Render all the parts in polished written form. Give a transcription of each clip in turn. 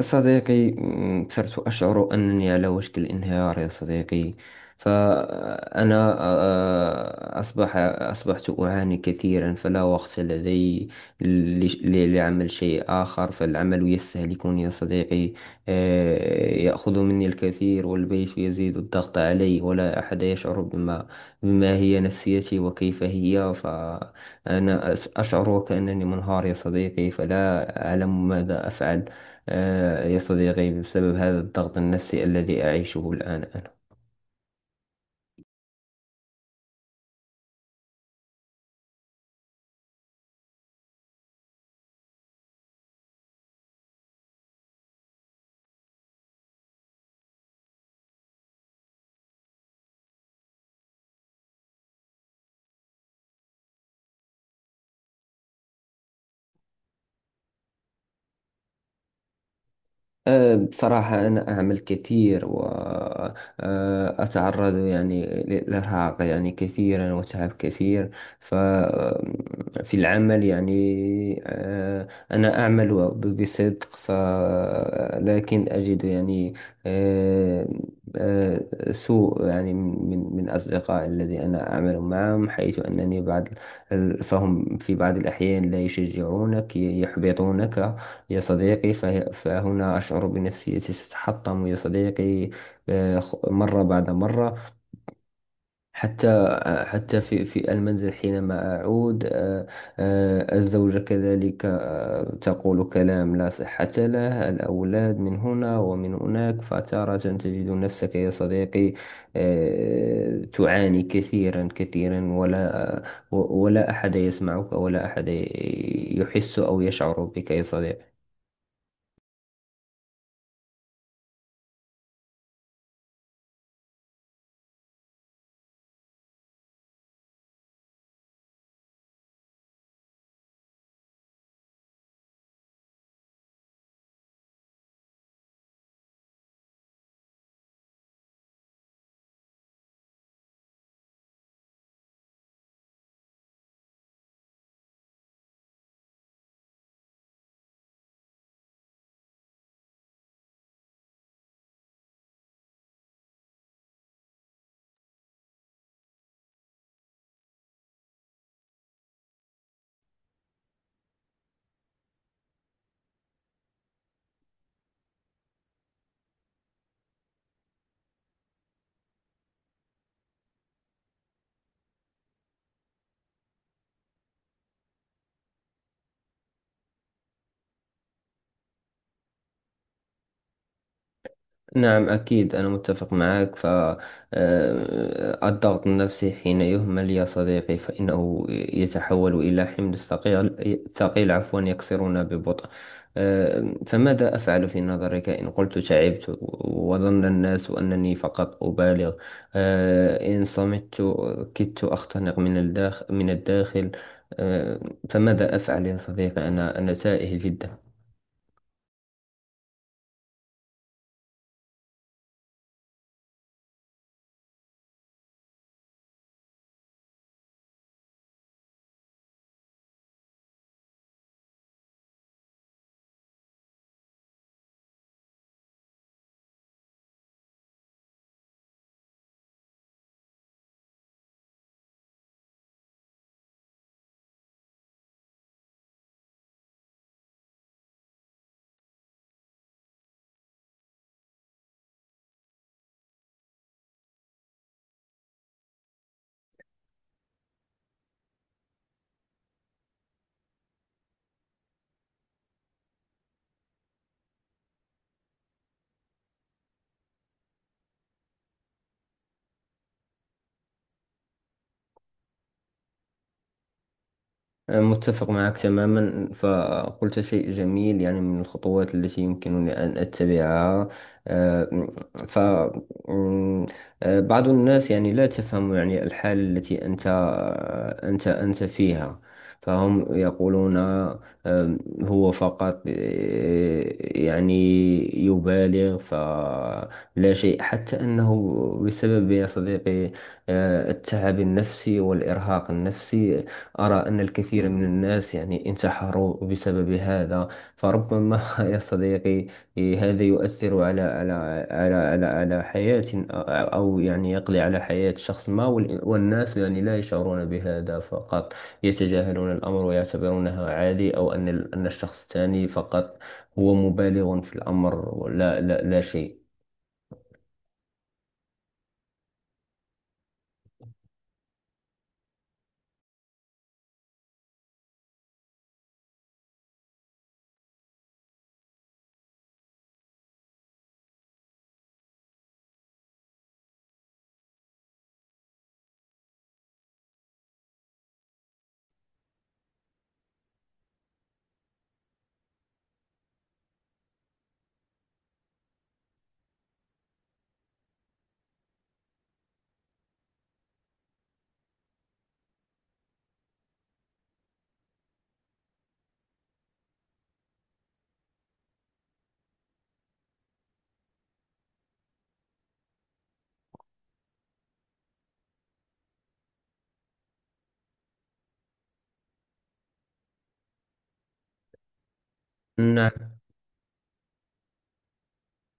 صديقي، صرت أشعر أنني على وشك الانهيار يا صديقي. فأنا أصبحت أعاني كثيرا، فلا وقت لدي لعمل شيء آخر، فالعمل يستهلكني يا صديقي. يأخذ مني الكثير، والبيت يزيد الضغط علي، ولا أحد يشعر بما هي نفسيتي وكيف هي. فأنا أشعر وكأنني منهار يا صديقي، فلا أعلم ماذا أفعل. يا صديقي، بسبب هذا الضغط النفسي الذي أعيشه الآن أنا... بصراحة، أنا أعمل كثير وأتعرض يعني للإرهاق يعني كثيرا وتعب كثير. ففي العمل يعني أنا أعمل بصدق، لكن أجد يعني أه، أه، سوء يعني من أصدقاء الذي أنا أعمل معهم، حيث أنني بعض فهم في بعض الأحيان لا يشجعونك، يحبطونك يا صديقي. فهنا أشعر بنفسيتي تتحطم يا صديقي، مرة بعد مرة. حتى في المنزل حينما أعود، الزوجة كذلك تقول كلام لا صحة له، الأولاد من هنا ومن هناك، فتارة تجد نفسك يا صديقي تعاني كثيرا كثيرا، ولا أحد يسمعك، ولا أحد يحس أو يشعر بك يا صديقي. نعم، أكيد، أنا متفق معك. ف آه، الضغط النفسي حين يهمل يا صديقي فإنه يتحول إلى حمل ثقيل ثقيل، عفوا، يكسرنا ببطء. فماذا أفعل في نظرك إن قلت تعبت وظن الناس أنني فقط أبالغ؟ إن صمت كدت أختنق من الداخل من الداخل. آه، فماذا أفعل يا صديقي؟ أنا تائه جدا. متفق معك تماما، فقلت شيء جميل يعني من الخطوات التي يمكنني أن أتبعها. آه، ف م، آه، بعض الناس يعني لا تفهم يعني الحالة التي أنت فيها. فهم يقولون هو فقط يعني يبالغ، فلا شيء حتى أنه بسبب يا صديقي التعب النفسي والإرهاق النفسي. أرى أن الكثير من الناس يعني انتحروا بسبب هذا. فربما يا صديقي هذا يؤثر على حياة، أو يعني يقضي على حياة شخص ما، والناس يعني لا يشعرون بهذا، فقط يتجاهلون الأمر ويعتبرونها عادي، أو أن أن الشخص الثاني فقط هو مبالغ في الأمر، ولا لا لا شيء. نعم،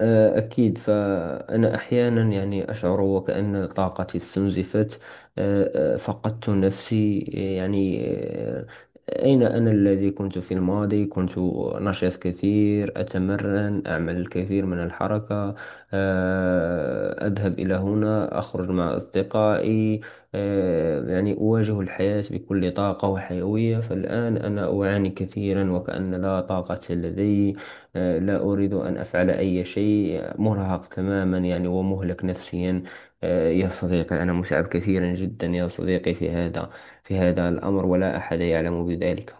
أكيد. فأنا أحيانا يعني أشعر وكأن طاقتي استنزفت. فقدت نفسي يعني. أين أنا الذي كنت في الماضي؟ كنت نشيط كثير، أتمرن، أعمل الكثير من الحركة، أذهب إلى هنا، أخرج مع أصدقائي، يعني أواجه الحياة بكل طاقة وحيوية. فالآن أنا أعاني كثيرا وكأن لا طاقة لدي. لا أريد أن أفعل أي شيء، مرهق تماما يعني ومهلك نفسيا. يا صديقي، أنا متعب كثيرا جدا يا صديقي في هذا الأمر، ولا أحد يعلم بذلك.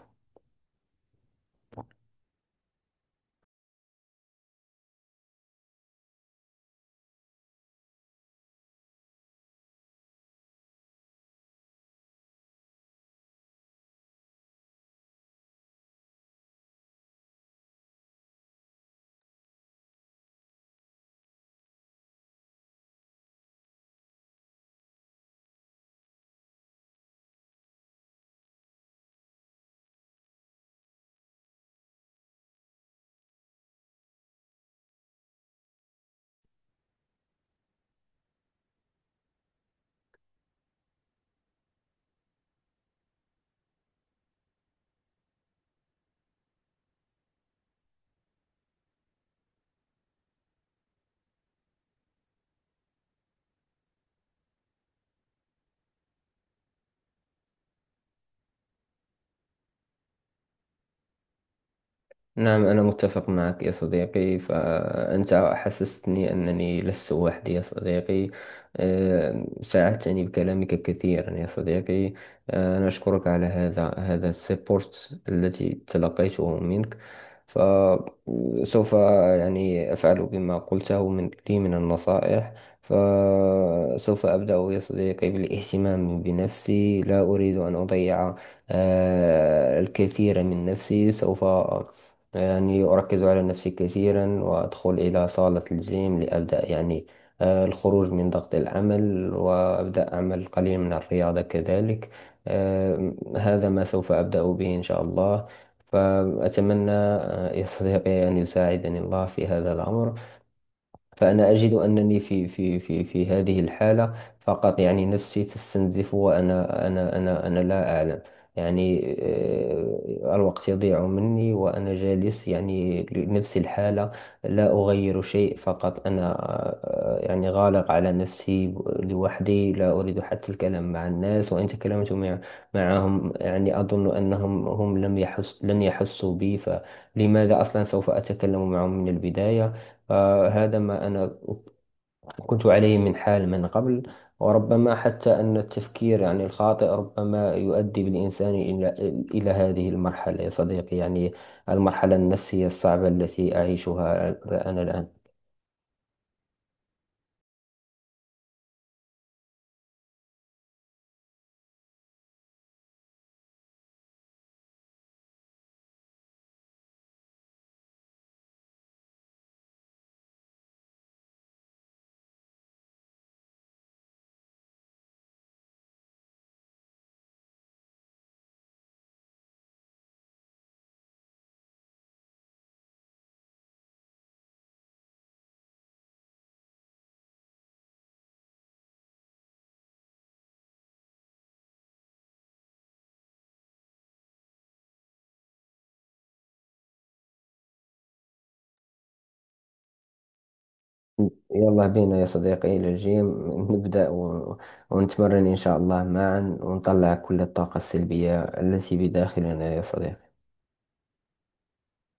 نعم، أنا متفق معك يا صديقي، فأنت حسستني أنني لست وحدي يا صديقي. ساعدتني بكلامك كثيرا يا صديقي. أنا أشكرك على هذا السبورت التي تلقيته منك. فسوف يعني أفعل بما قلته من لي من النصائح. فسوف أبدأ يا صديقي بالاهتمام بنفسي، لا أريد أن أضيع الكثير من نفسي. سوف يعني أركز على نفسي كثيرا، وأدخل إلى صالة الجيم لأبدأ يعني الخروج من ضغط العمل، وأبدأ أعمل قليلا من الرياضة كذلك. هذا ما سوف أبدأ به إن شاء الله. فأتمنى يستطيع أن يساعدني الله في هذا الأمر. فأنا أجد أنني في هذه الحالة، فقط يعني نفسي تستنزف، وأنا أنا أنا أنا لا أعلم يعني. الوقت يضيع مني وأنا جالس يعني لنفس الحالة، لا أغير شيء. فقط أنا يعني غالق على نفسي لوحدي، لا أريد حتى الكلام مع الناس. وإن تكلمت معهم يعني أظن أنهم هم لم يحس لن يحسوا بي، فلماذا أصلا سوف أتكلم معهم من البداية. فهذا ما أنا كنت عليه من حال من قبل. وربما حتى أن التفكير يعني الخاطئ ربما يؤدي بالإنسان إلى هذه المرحلة يا صديقي يعني، المرحلة النفسية الصعبة التي أعيشها أنا الآن. يلا بينا يا صديقي إلى الجيم، نبدأ ونتمرن إن شاء الله معا، ونطلع كل الطاقة السلبية التي بداخلنا يا صديقي.